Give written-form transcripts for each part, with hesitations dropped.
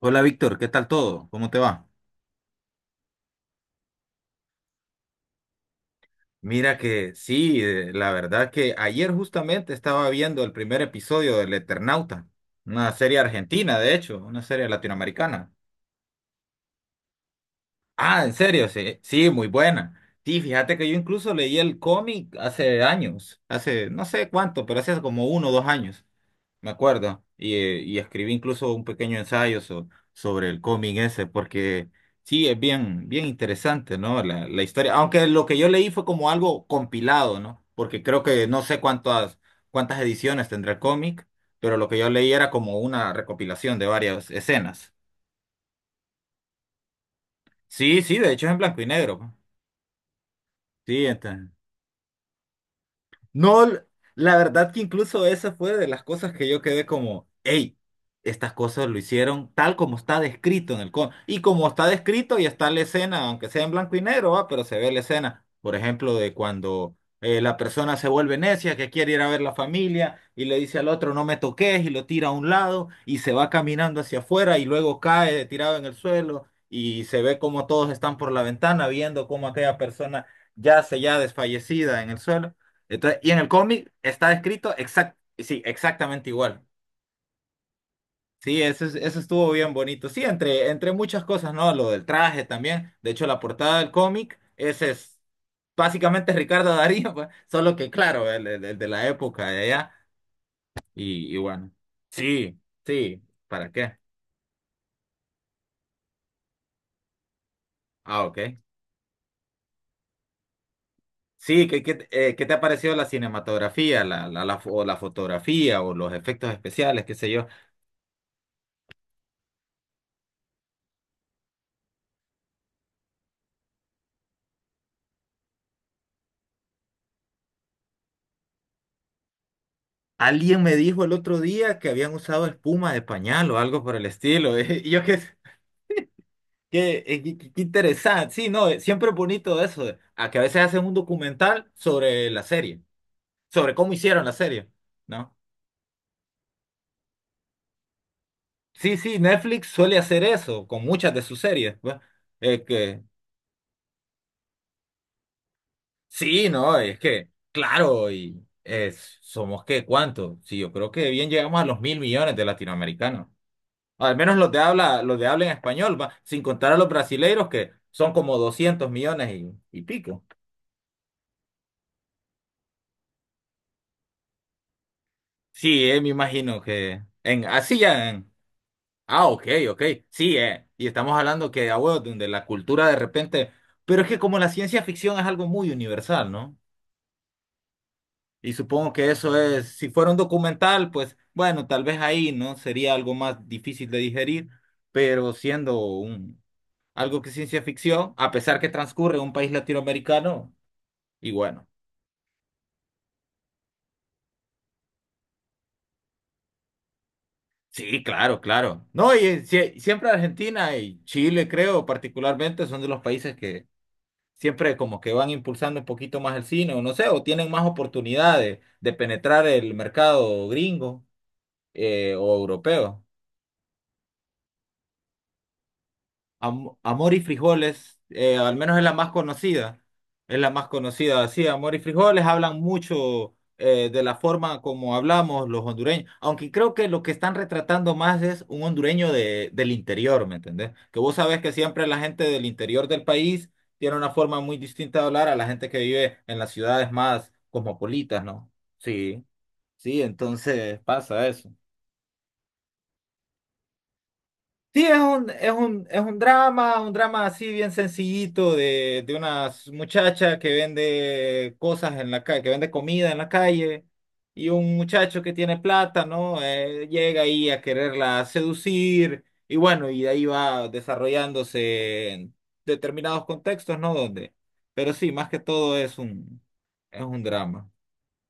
Hola Víctor, ¿qué tal todo? ¿Cómo te va? Mira que sí, la verdad que ayer justamente estaba viendo el primer episodio del Eternauta, una serie argentina, de hecho, una serie latinoamericana. Ah, en serio, sí, sí, muy buena. Sí, fíjate que yo incluso leí el cómic hace años, hace no sé cuánto, pero hace como uno o dos años, me acuerdo. Y escribí incluso un pequeño ensayo sobre el cómic ese, porque sí, es bien, bien interesante, ¿no? La historia. Aunque lo que yo leí fue como algo compilado, ¿no? Porque creo que no sé cuántas ediciones tendrá el cómic, pero lo que yo leí era como una recopilación de varias escenas. Sí, sí, de hecho es en blanco y negro, pues. Sí, entonces. No, la verdad que incluso esa fue de las cosas que yo quedé como, hey, estas cosas lo hicieron tal como está descrito en el cómic. Y como está descrito y está la escena, aunque sea en blanco y negro, va, pero se ve la escena, por ejemplo, de cuando la persona se vuelve necia, que quiere ir a ver la familia y le dice al otro, no me toques, y lo tira a un lado y se va caminando hacia afuera y luego cae tirado en el suelo y se ve como todos están por la ventana viendo cómo aquella persona yace ya desfallecida en el suelo. Entonces, y en el cómic está escrito sí, exactamente igual. Sí, eso, eso estuvo bien bonito. Sí, entre muchas cosas, ¿no? Lo del traje también. De hecho, la portada del cómic, ese es básicamente Ricardo Darín, pues, solo que claro, el de la época de allá. Y bueno, sí, sí, ¿para qué? Ah, ok. Sí, qué te ha parecido la cinematografía, o la fotografía o los efectos especiales, qué sé yo? Alguien me dijo el otro día que habían usado espuma de pañal o algo por el estilo. Y yo qué qué que interesante. Sí, no, siempre es bonito eso. A que a veces hacen un documental sobre la serie, sobre cómo hicieron la serie, ¿no? Sí, sí, Netflix suele hacer eso con muchas de sus series, pues. Es que, sí, no, es que, claro, y es, somos qué, ¿cuánto? Sí, yo creo que bien llegamos a los mil millones de latinoamericanos. Al menos los de habla en español, va, sin contar a los brasileiros que son como 200 millones y pico. Sí, me imagino que en así ya en Ah, ok, ok. Sí, y estamos hablando que bueno, donde la cultura de repente, pero es que como la ciencia ficción es algo muy universal, ¿no? Y supongo que eso es, si fuera un documental, pues bueno, tal vez ahí, ¿no? Sería algo más difícil de digerir, pero siendo un algo que es ciencia ficción, a pesar que transcurre en un país latinoamericano, y bueno. Sí, claro, claro. No, y siempre Argentina y Chile, creo, particularmente, son de los países que siempre como que van impulsando un poquito más el cine, o no sé, o tienen más oportunidades de penetrar el mercado gringo o europeo. Amor y frijoles, al menos es la más conocida. Es la más conocida. Sí, Amor y frijoles hablan mucho de la forma como hablamos los hondureños. Aunque creo que lo que están retratando más es un hondureño del interior, ¿me entendés? Que vos sabés que siempre la gente del interior del país tiene una forma muy distinta de hablar a la gente que vive en las ciudades más cosmopolitas, ¿no? Sí, sí, entonces pasa eso. Sí, es un drama, un drama así bien sencillito de una muchacha que vende cosas en la calle, que vende comida en la calle, y un muchacho que tiene plata, ¿no? Llega ahí a quererla seducir, y bueno, y de ahí va desarrollándose en determinados contextos, ¿no? Donde, pero sí, más que todo es un, drama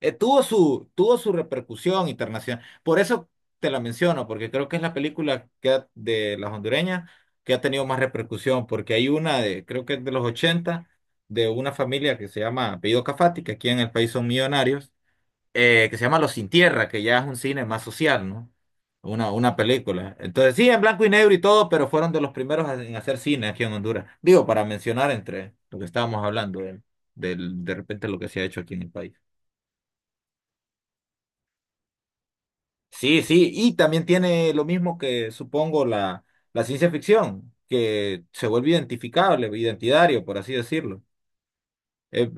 tuvo su repercusión internacional. Por eso te la menciono, porque creo que es la película que de las hondureñas que ha tenido más repercusión, porque hay una creo que es de los 80 de una familia que se llama Apellido Cafati, que aquí en el país son millonarios, que se llama Los Sin Tierra, que ya es un cine más social, ¿no? Una película. Entonces, sí, en blanco y negro y todo, pero fueron de los primeros en hacer cine aquí en Honduras. Digo, para mencionar entre lo que estábamos hablando de repente lo que se ha hecho aquí en el país. Sí, sí, y también tiene lo mismo que supongo la ciencia ficción, que se vuelve identificable, identitario, por así decirlo. Eh,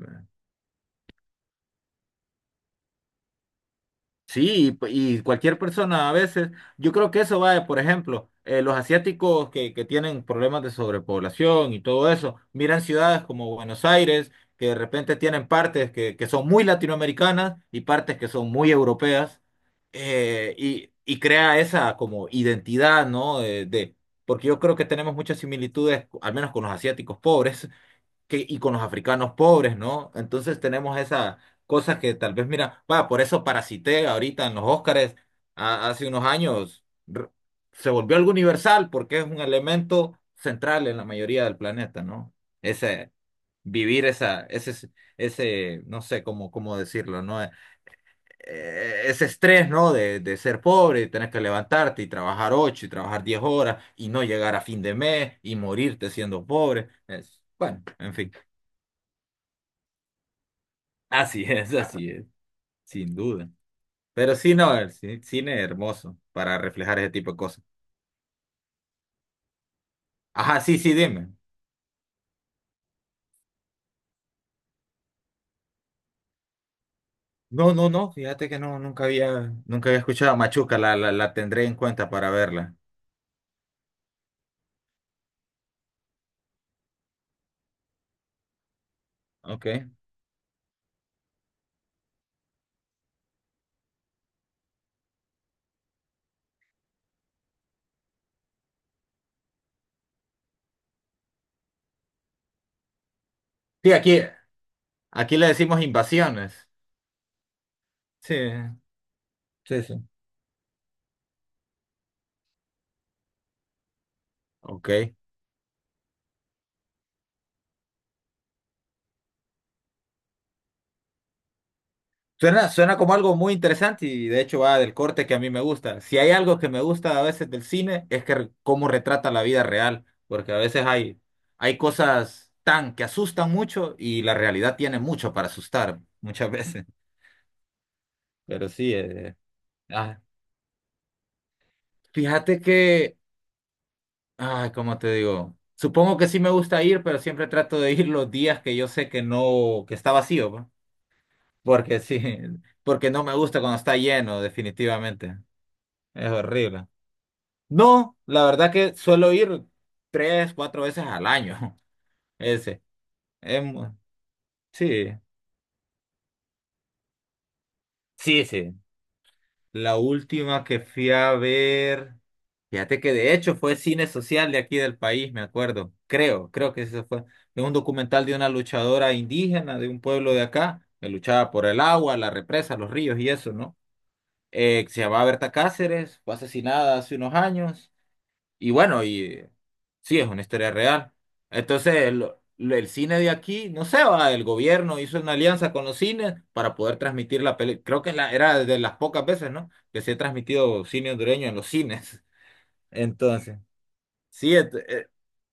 Sí, y, y cualquier persona a veces, yo creo que eso va, por ejemplo, los asiáticos que tienen problemas de sobrepoblación y todo eso, miran ciudades como Buenos Aires, que de repente tienen partes que son muy latinoamericanas y partes que son muy europeas, y crea esa como identidad, ¿no? Porque yo creo que tenemos muchas similitudes, al menos con los asiáticos pobres, y con los africanos pobres, ¿no? Entonces tenemos esa cosa que tal vez, mira, va, por eso parasité ahorita en los Óscares hace unos años, r- se volvió algo universal porque es un elemento central en la mayoría del planeta, ¿no? Ese vivir esa, ese, no sé cómo decirlo, ¿no? Ese estrés, ¿no? De ser pobre, y tener que levantarte y trabajar ocho y trabajar 10 horas y no llegar a fin de mes y morirte siendo pobre. Es, bueno, en fin. Así es, sin duda. Pero sí, no, el cine es hermoso para reflejar ese tipo de cosas. Ajá, sí, sí, dime. No, no, no, fíjate que no, nunca había escuchado Machuca, la tendré en cuenta para verla. Ok. Sí, aquí le decimos invasiones. Sí, sí, sí. Ok. Suena como algo muy interesante y de hecho va del corte que a mí me gusta. Si hay algo que me gusta a veces del cine es que cómo retrata la vida real, porque a veces hay cosas tan que asustan mucho y la realidad tiene mucho para asustar muchas veces. Pero sí, ah, fíjate que, ay, ¿cómo te digo? Supongo que sí me gusta ir, pero siempre trato de ir los días que yo sé que no, que está vacío, ¿va? Porque sí, porque no me gusta cuando está lleno, definitivamente. Es horrible. No, la verdad que suelo ir tres, cuatro veces al año. Ese. Em, sí, sí, sí. La última que fui a ver, fíjate que de hecho fue cine social de aquí del país, me acuerdo. Creo que eso fue. Es un documental de una luchadora indígena de un pueblo de acá, que luchaba por el agua, la represa, los ríos y eso, ¿no? Que se llamaba Berta Cáceres, fue asesinada hace unos años. Y bueno, y sí, es una historia real. Entonces, el cine de aquí, no sé, va, el gobierno hizo una alianza con los cines para poder transmitir la película. Creo que era de las pocas veces, ¿no? Que se ha transmitido cine hondureño en los cines. Entonces, sí,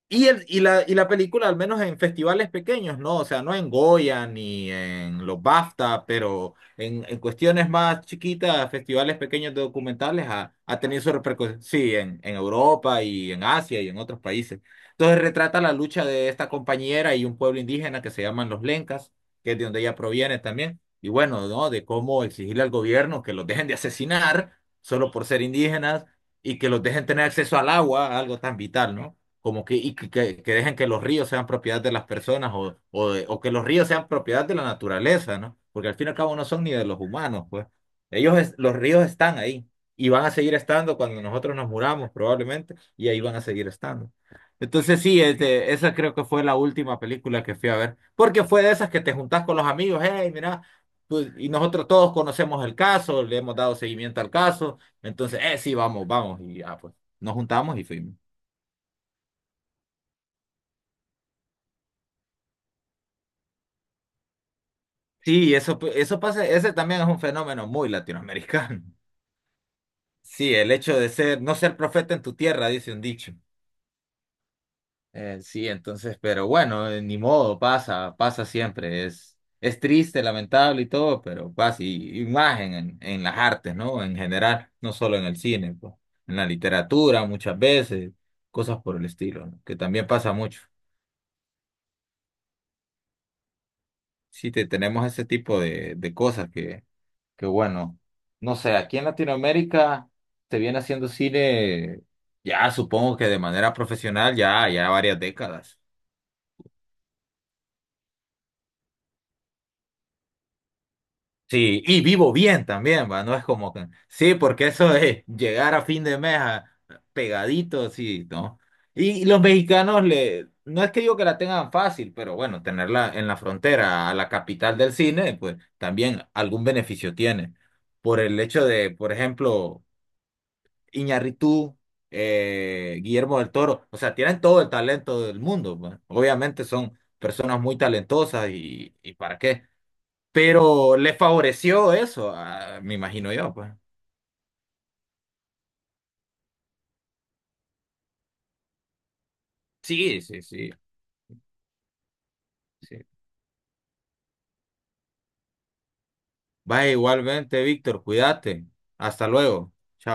y la película, al menos en festivales pequeños, no, o sea, no en Goya ni en los BAFTA, pero en cuestiones más chiquitas, festivales pequeños de documentales, ha tenido su repercusión, sí, en Europa y en Asia y en otros países. Entonces retrata la lucha de esta compañera y un pueblo indígena que se llaman los Lencas, que es de donde ella proviene también, y bueno, ¿no? De cómo exigirle al gobierno que los dejen de asesinar solo por ser indígenas y que los dejen tener acceso al agua, algo tan vital, ¿no? Como que, que dejen que los ríos sean propiedad de las personas o que los ríos sean propiedad de la naturaleza, ¿no? Porque al fin y al cabo no son ni de los humanos, pues. Los ríos están ahí y van a seguir estando cuando nosotros nos muramos, probablemente, y ahí van a seguir estando. Entonces sí, este, esa creo que fue la última película que fui a ver, porque fue de esas que te juntás con los amigos, hey, mira, pues, y nosotros todos conocemos el caso, le hemos dado seguimiento al caso, entonces, sí, vamos, vamos, y ya, pues, nos juntamos y fuimos. Sí, eso pasa, ese también es un fenómeno muy latinoamericano. Sí, el hecho de ser, no ser profeta en tu tierra, dice un dicho. Sí, entonces, pero bueno, ni modo, pasa, pasa siempre. Es triste, lamentable y todo, pero pasa, y más en las artes, ¿no? En general, no solo en el cine, pues, en la literatura muchas veces, cosas por el estilo, ¿no? Que también pasa mucho. Sí, tenemos ese tipo de cosas. Qué bueno. No sé, aquí en Latinoamérica se viene haciendo cine ya supongo que de manera profesional ya varias décadas. Sí, y vivo bien también, va, no es como que... Sí, porque eso de llegar a fin de mes pegadito, sí, ¿no? Y los mexicanos le... No es que digo que la tengan fácil, pero bueno, tenerla en la frontera, a la capital del cine, pues también algún beneficio tiene. Por el hecho de, por ejemplo... Iñárritu, Guillermo del Toro, o sea, tienen todo el talento del mundo. ¿Va? Obviamente son personas muy talentosas y para qué, pero le favoreció eso, me imagino yo, pues. Sí, sí, sí, sí. Vaya igualmente, Víctor, cuídate. Hasta luego. Chao.